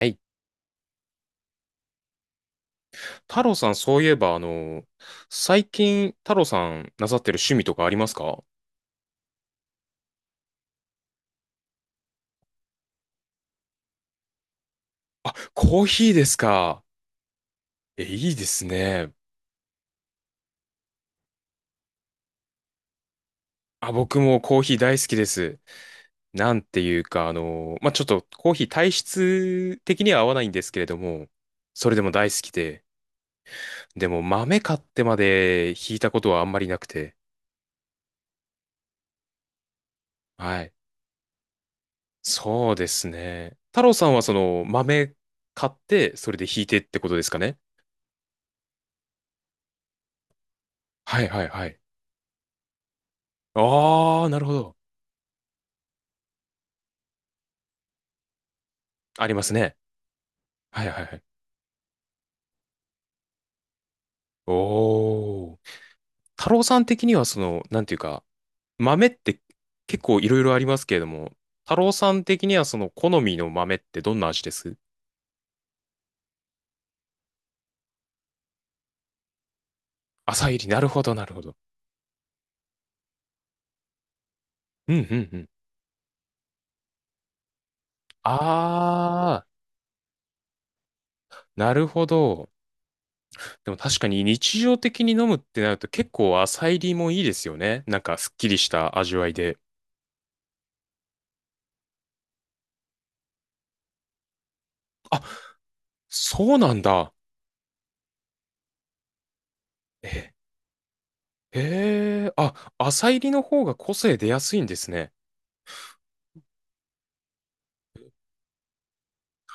はい。太郎さん、そういえば、最近、太郎さんなさってる趣味とかありますか？あ、コーヒーですか。え、いいですね。あ、僕もコーヒー大好きです。なんていうか、ちょっとコーヒー体質的には合わないんですけれども、それでも大好きで、でも豆買ってまで引いたことはあんまりなくて、はい。そうですね。太郎さんはその豆買って、それで引いてってことですかね。はいはいはい。ああ、なるほど。ありますね。はいはいはい。おー。太郎さん的にはその、なんていうか、豆って結構いろいろありますけれども、太郎さん的にはその好みの豆ってどんな味です？浅煎り、なるほどなるほど。うんうんうん。あー、なるほど。でも確かに日常的に飲むってなると結構浅煎りもいいですよね。なんかすっきりした味わいで。あ、そうなんだ。え、へえ、あ、浅煎りの方が個性出やすいんですね。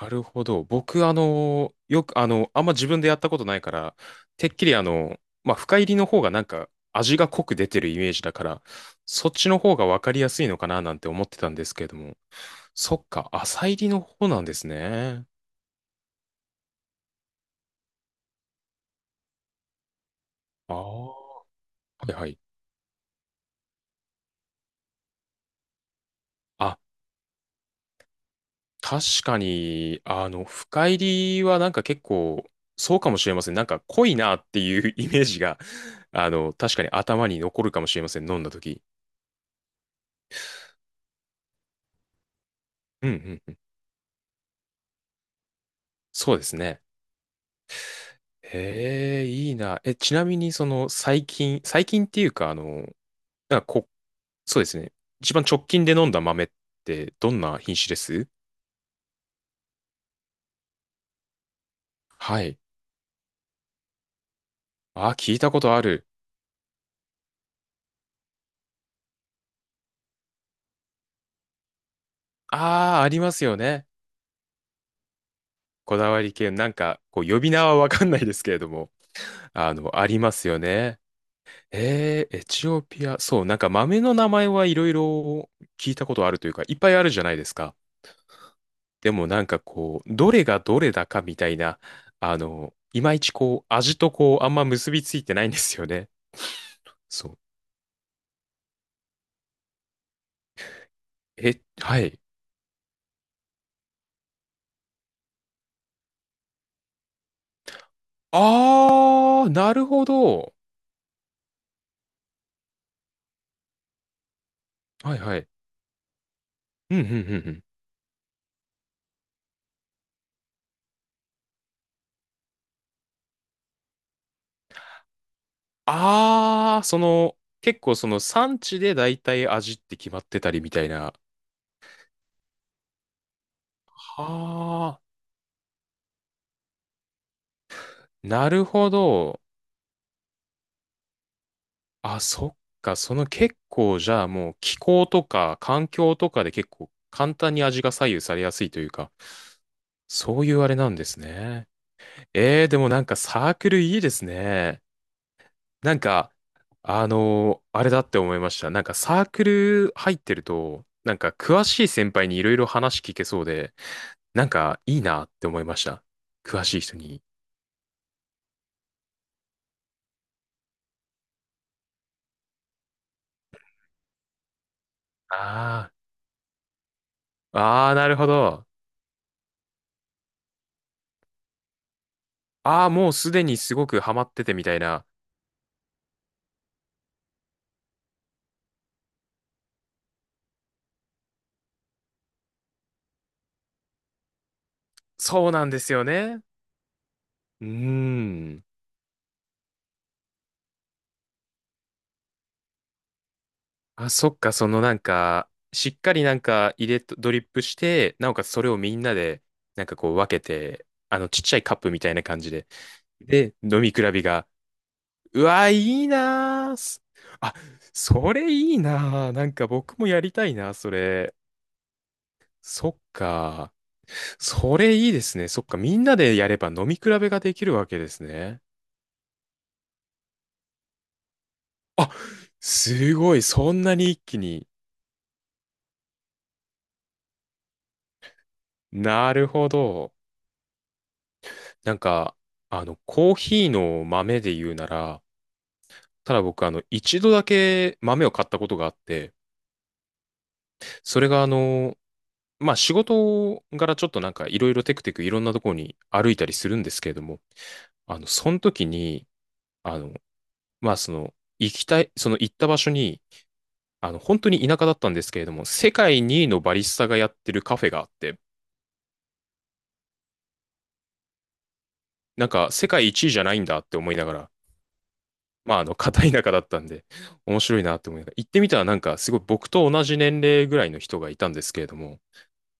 なるほど。僕、あの、よく、あの、あんま自分でやったことないから、てっきり深入りの方がなんか味が濃く出てるイメージだから、そっちの方がわかりやすいのかななんて思ってたんですけれども、そっか、浅入りの方なんですね。ああ、はいはい。あ、確かに、深入りはなんか結構、そうかもしれません。なんか濃いなっていうイメージが、あの、確かに頭に残るかもしれません。飲んだ時。うんうんうん。そうですね。ええ、いいな。え、ちなみに、その、最近っていうか、なんかこ、そうですね。一番直近で飲んだ豆って、どんな品種です？はい。あー、聞いたことある。ああ、ありますよね。こだわり系。なんか、こう、呼び名はわかんないですけれども、あの、ありますよね。えー、エチオピア。そう、なんか豆の名前はいろいろ聞いたことあるというか、いっぱいあるじゃないですか。でもなんかこう、どれがどれだかみたいな、あの、いまいちこう、味とこう、あんま結びついてないんですよね。そう。え、はい。あー、なるほど。はいはい。うん、うん、うん、うん。あー、その、結構その産地で大体味って決まってたりみたいな。はー、なるほど。あ、そっか。その結構じゃあもう気候とか環境とかで結構簡単に味が左右されやすいというか。そういうあれなんですね。えー、でもなんかサークルいいですね。なんか、あのーあれだって思いました。なんかサークル入ってると、なんか詳しい先輩にいろいろ話聞けそうで、なんかいいなって思いました。詳しい人に。ああ、ああ、なるほど。ああ、もうすでにすごくハマっててみたいな。そうなんですよね。うーん。あ、そっか、そのなんか、しっかりなんか入れと、ドリップして、なおかつそれをみんなで、なんかこう分けて、あの、ちっちゃいカップみたいな感じで。で、飲み比べが、うわ、いいなーす。あ、それいいなー。なんか僕もやりたいな、それ。そっか。それいいですね。そっか、みんなでやれば飲み比べができるわけですね。あ、すごい、そんなに一気に。なるほど。なんか、コーヒーの豆で言うなら、ただ僕、あの、一度だけ豆を買ったことがあって、それがあの、まあ、仕事柄ちょっとなんかいろいろテクテクいろんなところに歩いたりするんですけれども、その時に、あの、まあ、その、行きたい、その行った場所に、あの、本当に田舎だったんですけれども、世界2位のバリスタがやってるカフェがあって、なんか世界1位じゃないんだって思いながら、片田舎だったんで、面白いなって思いながら、行ってみたらなんか、すごい僕と同じ年齢ぐらいの人がいたんですけれども、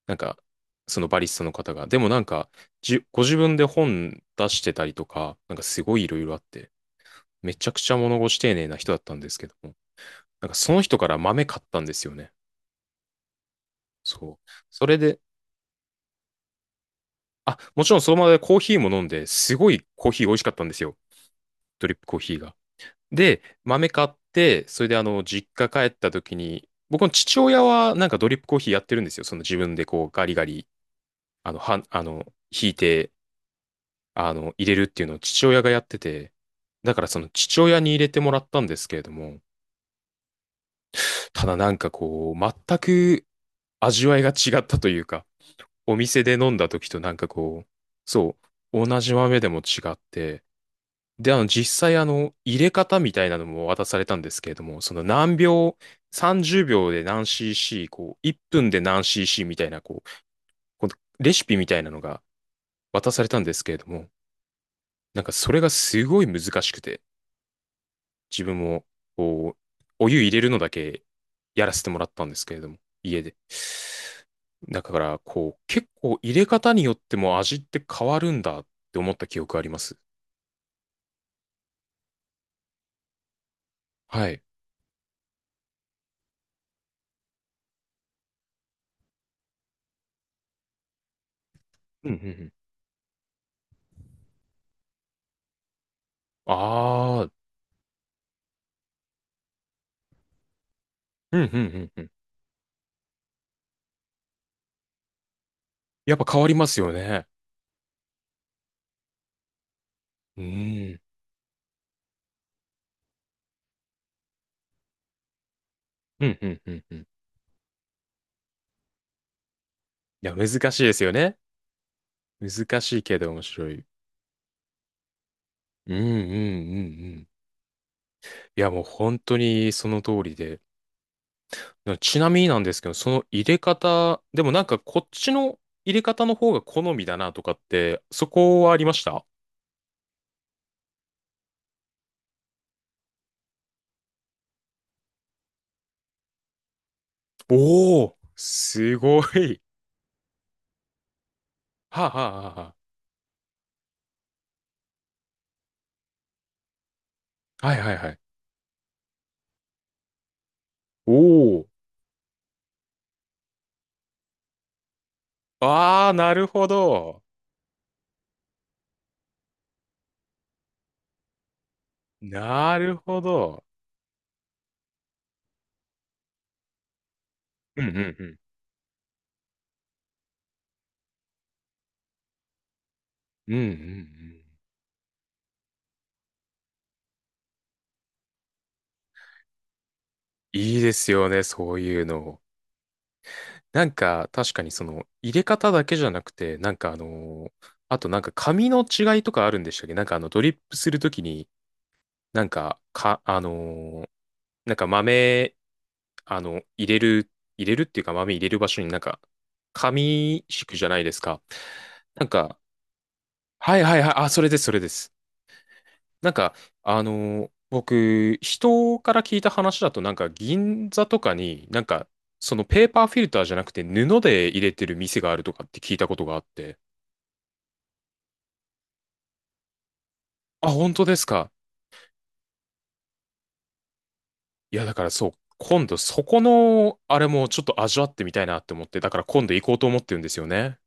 なんか、そのバリスタの方が、でもなんか、ご自分で本出してたりとか、なんかすごいいろいろあって、めちゃくちゃ物腰丁寧な人だったんですけども、なんかその人から豆買ったんですよね。そう。それで、あ、もちろんその場でコーヒーも飲んで、すごいコーヒー美味しかったんですよ。ドリップコーヒーが。で、豆買って、それであの、実家帰った時に、僕の父親はなんかドリップコーヒーやってるんですよ。その自分でこうガリガリ、あの、はん、あの、引いて、あの、入れるっていうのを父親がやってて、だからその父親に入れてもらったんですけれども、ただなんかこう、全く味わいが違ったというか、お店で飲んだ時となんかこう、そう、同じ豆でも違って、で、あの、実際、あの、入れ方みたいなのも渡されたんですけれども、その何秒、30秒で何 cc、こう、1分で何 cc みたいな、こう、このレシピみたいなのが渡されたんですけれども、なんかそれがすごい難しくて、自分も、こう、お湯入れるのだけやらせてもらったんですけれども、家で。だから、こう、結構入れ方によっても味って変わるんだって思った記憶あります。はい。うんうんうん。ああ、うんうんうんうん。やっぱ変わりますよね。うん。うん、うん、うん、うん。いや、難しいですよね。難しいけど面白い。うん、うん、うん、うん。いや、もう本当にその通りで。ちなみになんですけど、その入れ方、でもなんかこっちの入れ方の方が好みだなとかって、そこはありました？おおー、すごい。はあ、はあはあ、はいはいはい。おお、ああ、なるほど。なるほど。うんうんうん。うんうんうん。いいですよね、そういうの。なんか、確かにその、入れ方だけじゃなくて、なんかあのーあとなんか紙の違いとかあるんでしたっけ？なんかあの、ドリップするときに、なんか、か、あのーなんか豆、あの、入れる、入れるっていうか豆入れる場所になんか、紙敷くじゃないですか。なんか、はいはいはい、あ、それです、それです。なんか、あの、僕、人から聞いた話だと、なんか銀座とかに、なんか、そのペーパーフィルターじゃなくて布で入れてる店があるとかって聞いたことがあって、あ、本当ですか。いや、だからそう、今度そこの、あれもちょっと味わってみたいなって思って、だから今度行こうと思ってるんですよね。